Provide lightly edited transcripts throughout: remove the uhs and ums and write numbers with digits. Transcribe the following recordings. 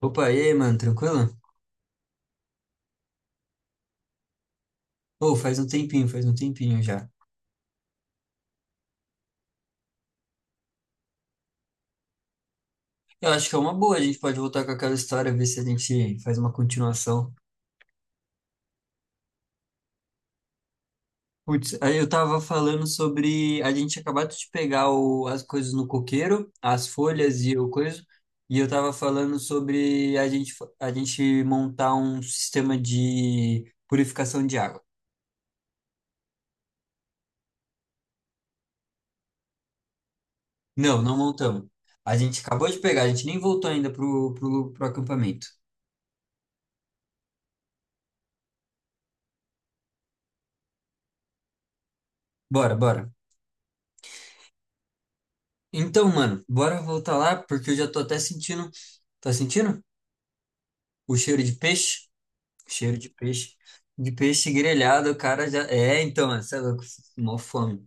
Opa, e aí, mano, tranquilo? Ô, faz um tempinho já. Eu acho que é uma boa, a gente pode voltar com aquela história, ver se a gente faz uma continuação. Putz, aí eu tava falando sobre a gente acabado de pegar as coisas no coqueiro, as folhas e o coisa, e eu tava falando sobre a gente montar um sistema de purificação de água. Não, não montamos. A gente acabou de pegar, a gente nem voltou ainda pro acampamento. Bora, bora. Então, mano, bora voltar lá, porque eu já tô até sentindo. Tá sentindo? O cheiro de peixe? Cheiro de peixe. De peixe grelhado, o cara já. É, então, mano, você é louco, mó fome.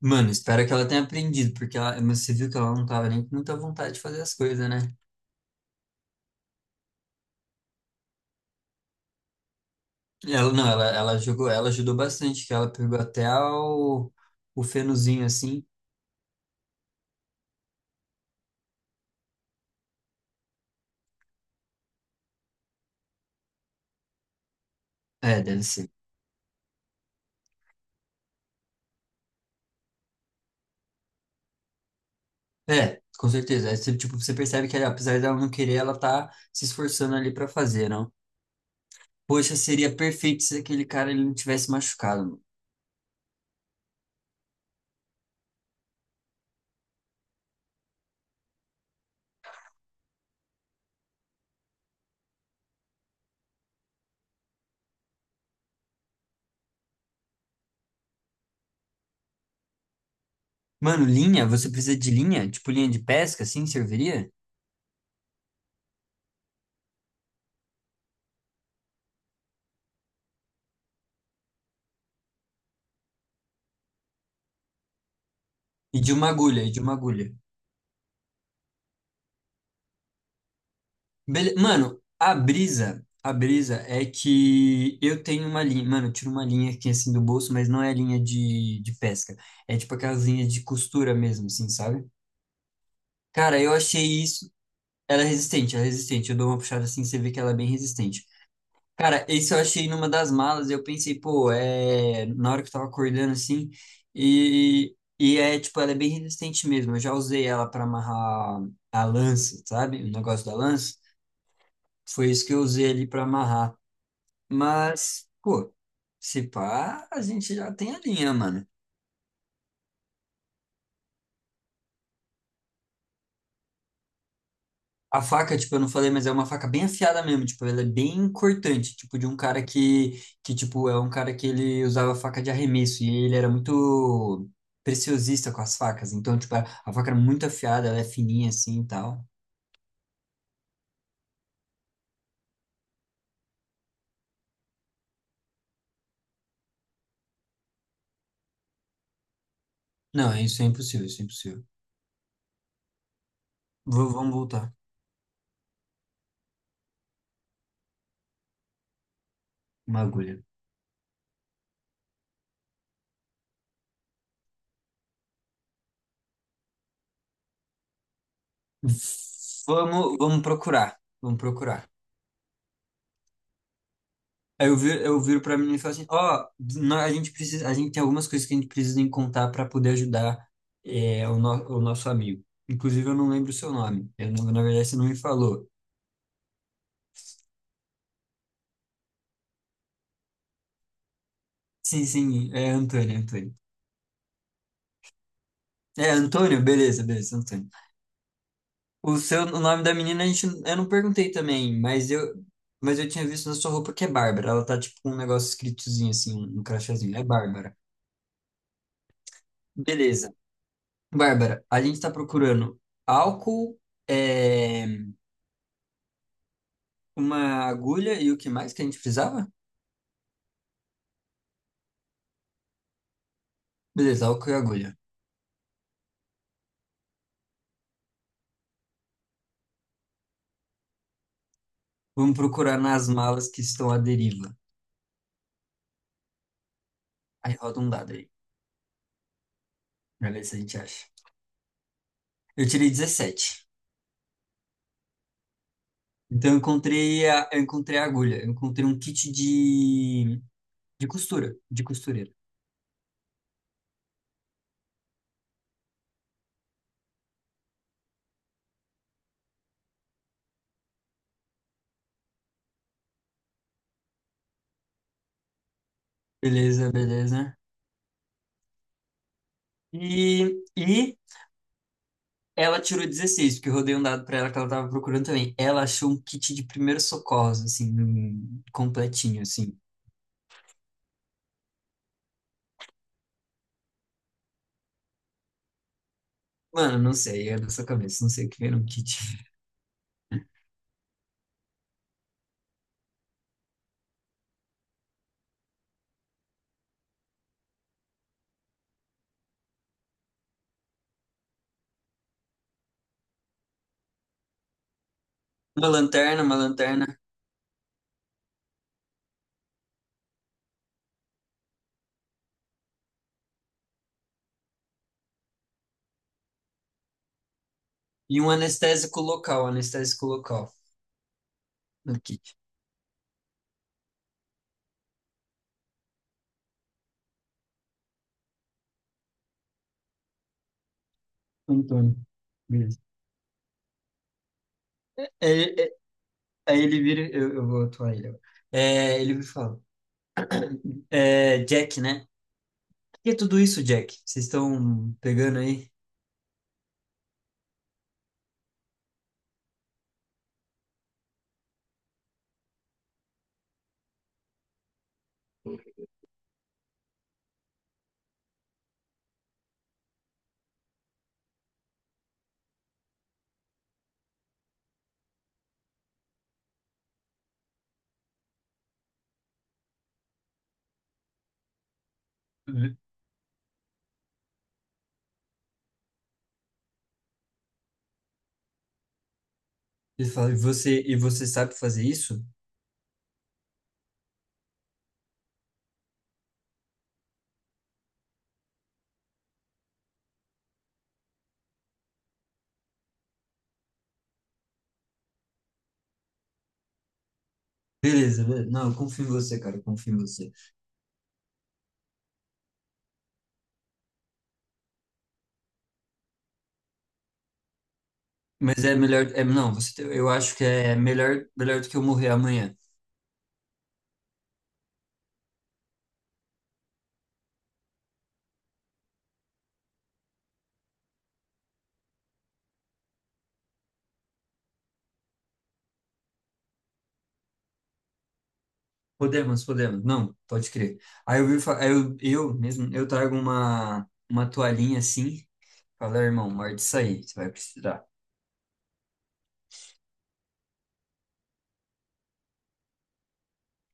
Mano, espero que ela tenha aprendido, porque ela, mas você viu que ela não tava nem com muita vontade de fazer as coisas, né? Ela, não, ela jogou, ela ajudou bastante, que ela pegou até o fenozinho assim. É, deve ser. É, com certeza. Aí você, tipo, você percebe que, apesar dela não querer, ela tá se esforçando ali pra fazer, não? Poxa, seria perfeito se aquele cara ele não tivesse machucado. Mano, mano, linha, você precisa de linha? Tipo linha de pesca, assim, serviria? E de uma agulha, e de uma agulha. Mano, a brisa é que eu tenho uma linha, mano, eu tiro uma linha aqui assim do bolso, mas não é linha de pesca. É tipo aquelas linhas de costura mesmo, assim, sabe? Cara, eu achei isso. Ela é resistente, ela é resistente. Eu dou uma puxada assim, você vê que ela é bem resistente. Cara, isso eu achei numa das malas. Eu pensei, pô, é. Na hora que eu tava acordando assim. E é, tipo, ela é bem resistente mesmo. Eu já usei ela pra amarrar a lança, sabe? O negócio da lança. Foi isso que eu usei ali pra amarrar. Mas, pô, se pá, a gente já tem a linha, mano. A faca, tipo, eu não falei, mas é uma faca bem afiada mesmo, tipo, ela é bem cortante, tipo, de um cara que, tipo, é um cara que ele usava faca de arremesso e ele era muito preciosista com as facas, então, tipo, a faca era muito afiada, ela é fininha assim e tal. Não, isso é impossível, isso é impossível. Vamos voltar. Uma agulha. V- vamos procurar, vamos procurar. Aí eu viro pra menina e falo assim, ó, a gente tem algumas coisas que a gente precisa encontrar para poder ajudar é, o, no- o nosso amigo. Inclusive, eu não lembro o seu nome. Eu não- Na verdade, você não me falou. Sim, sim, é Antônio, Antônio. É, Antônio, beleza, beleza, Antônio. O seu, o nome da menina a gente, eu não perguntei também, mas eu tinha visto na sua roupa que é Bárbara. Ela tá tipo com um negócio escritozinho assim, um crachazinho. É Bárbara. Beleza. Bárbara, a gente tá procurando álcool, eh, uma agulha e o que mais que a gente precisava? Beleza, álcool e agulha. Vamos procurar nas malas que estão à deriva. Aí roda um dado aí, pra ver se a gente acha. Eu tirei 17. Então eu encontrei a agulha, eu encontrei um kit de costura, de costureira. Beleza, beleza. E ela tirou 16 porque eu rodei um dado pra ela que ela tava procurando também. Ela achou um kit de primeiros socorros, assim, um completinho, assim. Mano, não sei, é da sua cabeça, não sei o que era um kit. Uma lanterna e um anestésico local no kit. Antônio. Beleza. É, é, aí ele vira, eu vou atuar ele agora. É, ele me fala, é, Jack, né? O que é tudo isso, Jack? Vocês estão pegando aí? Uhum. Ele fala, e você sabe fazer isso? Beleza, beleza. Não, eu confio em você, cara, eu confio em você. Mas é melhor, é, não, você, eu acho que é melhor, melhor do que eu morrer amanhã. Podemos, podemos. Não, pode crer. Aí eu mesmo, eu trago uma toalhinha assim, fala irmão, morde isso aí, você vai precisar.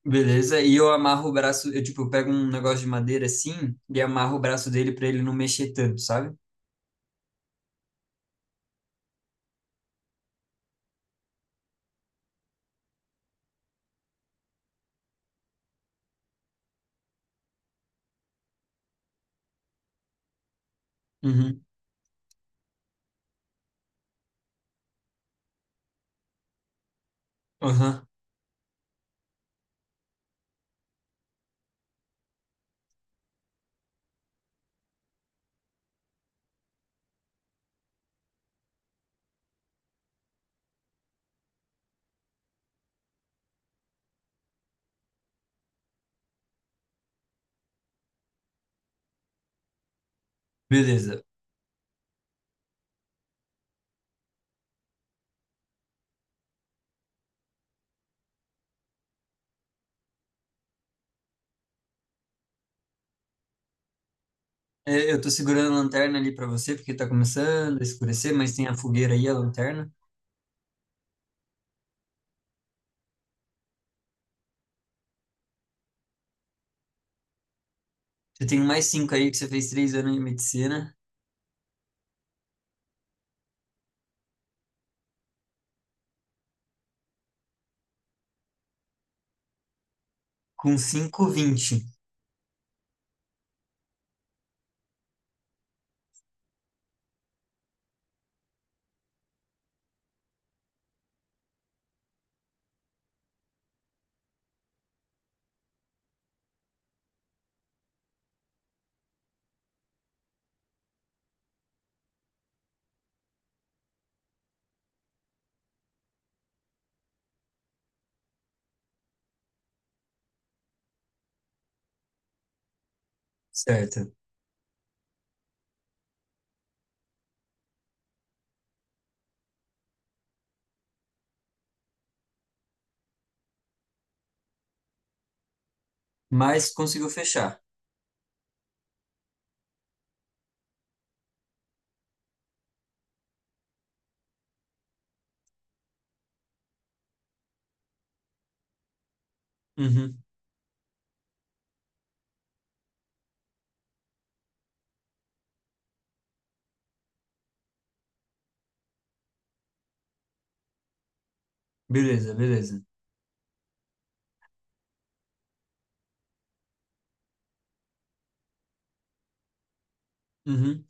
Beleza? E eu amarro o braço, eu tipo, eu pego um negócio de madeira assim e amarro o braço dele pra ele não mexer tanto, sabe? Uhum. Aham. Beleza. É, eu tô segurando a lanterna ali pra você, porque tá começando a escurecer, mas tem a fogueira aí, a lanterna. Você tem mais cinco aí, que você fez 3 anos de medicina, com cinco, 20, certo? Mas conseguiu fechar. Uhum. Beleza, beleza. Uhum.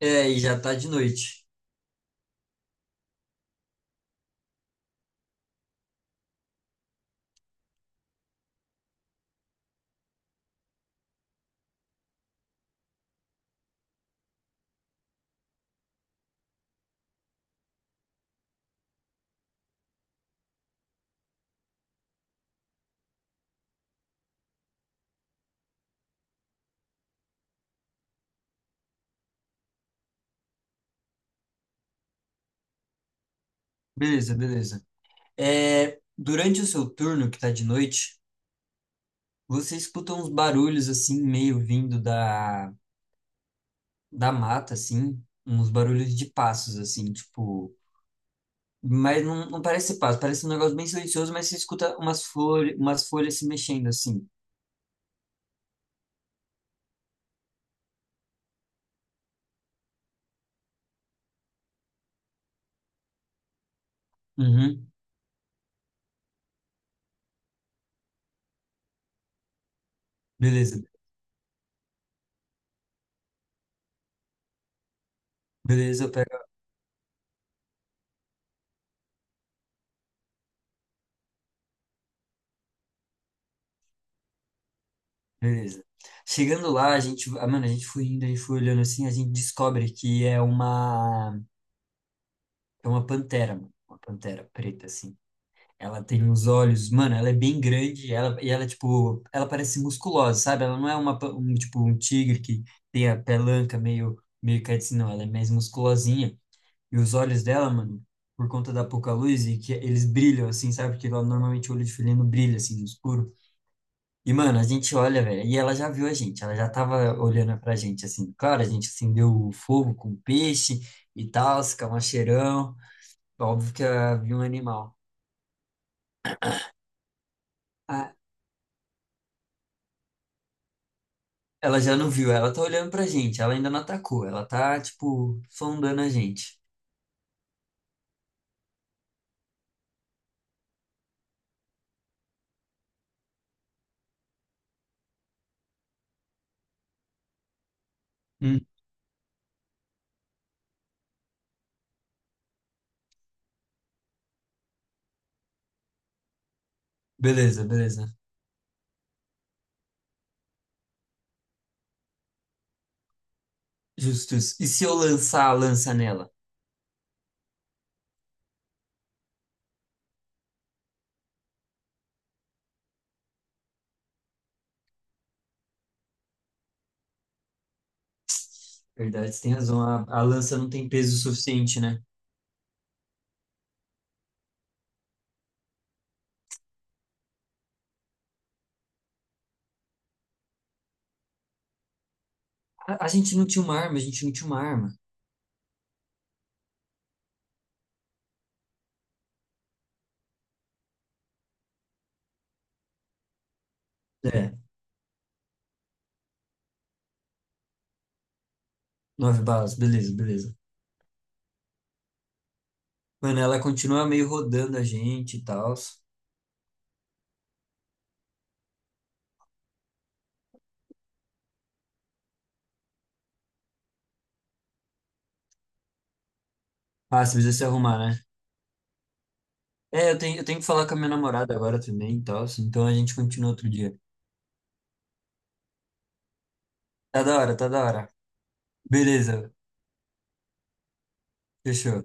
É, e já tá de noite. Beleza, beleza. É, durante o seu turno, que tá de noite, você escuta uns barulhos, assim, meio vindo da mata, assim, uns barulhos de passos, assim, tipo... Mas não, não parece ser passo, parece um negócio bem silencioso, mas você escuta umas flores, umas folhas se mexendo, assim. Uhum. Beleza, beleza, eu pego, beleza. Chegando lá, a gente, mano, a gente foi indo, a gente foi olhando assim, a gente descobre que é uma pantera, mano. Uma pantera preta, assim. Ela tem uns olhos, mano, ela é bem grande, ela, e ela, tipo, ela parece musculosa, sabe? Ela não é um, tipo, um tigre que tem a pelanca meio caída, assim, não, ela é mais musculosinha. E os olhos dela, mano, por conta da pouca luz, e que eles brilham, assim, sabe? Porque lá, normalmente o olho de felino brilha, assim, no escuro. E, mano, a gente olha, velho, e ela já viu a gente, ela já tava olhando pra gente, assim. Claro, a gente acendeu o fogo com peixe e tal, se cheirão. Óbvio que ela viu um animal. Ah, ela já não viu, ela tá olhando pra gente, ela ainda não atacou, ela tá, tipo, sondando a gente. Hum. Beleza, beleza. Justus. E se eu lançar a lança nela? Verdade, você tem razão, a lança não tem peso suficiente, né? A gente não tinha uma arma, a gente não tinha uma arma. É, nove balas, beleza, beleza. Mano, ela continua meio rodando a gente e tal. Ah, você precisa se arrumar, né? É, eu tenho que falar com a minha namorada agora também e tal, então a gente continua outro dia. Tá da hora, tá da hora. Beleza. Fechou.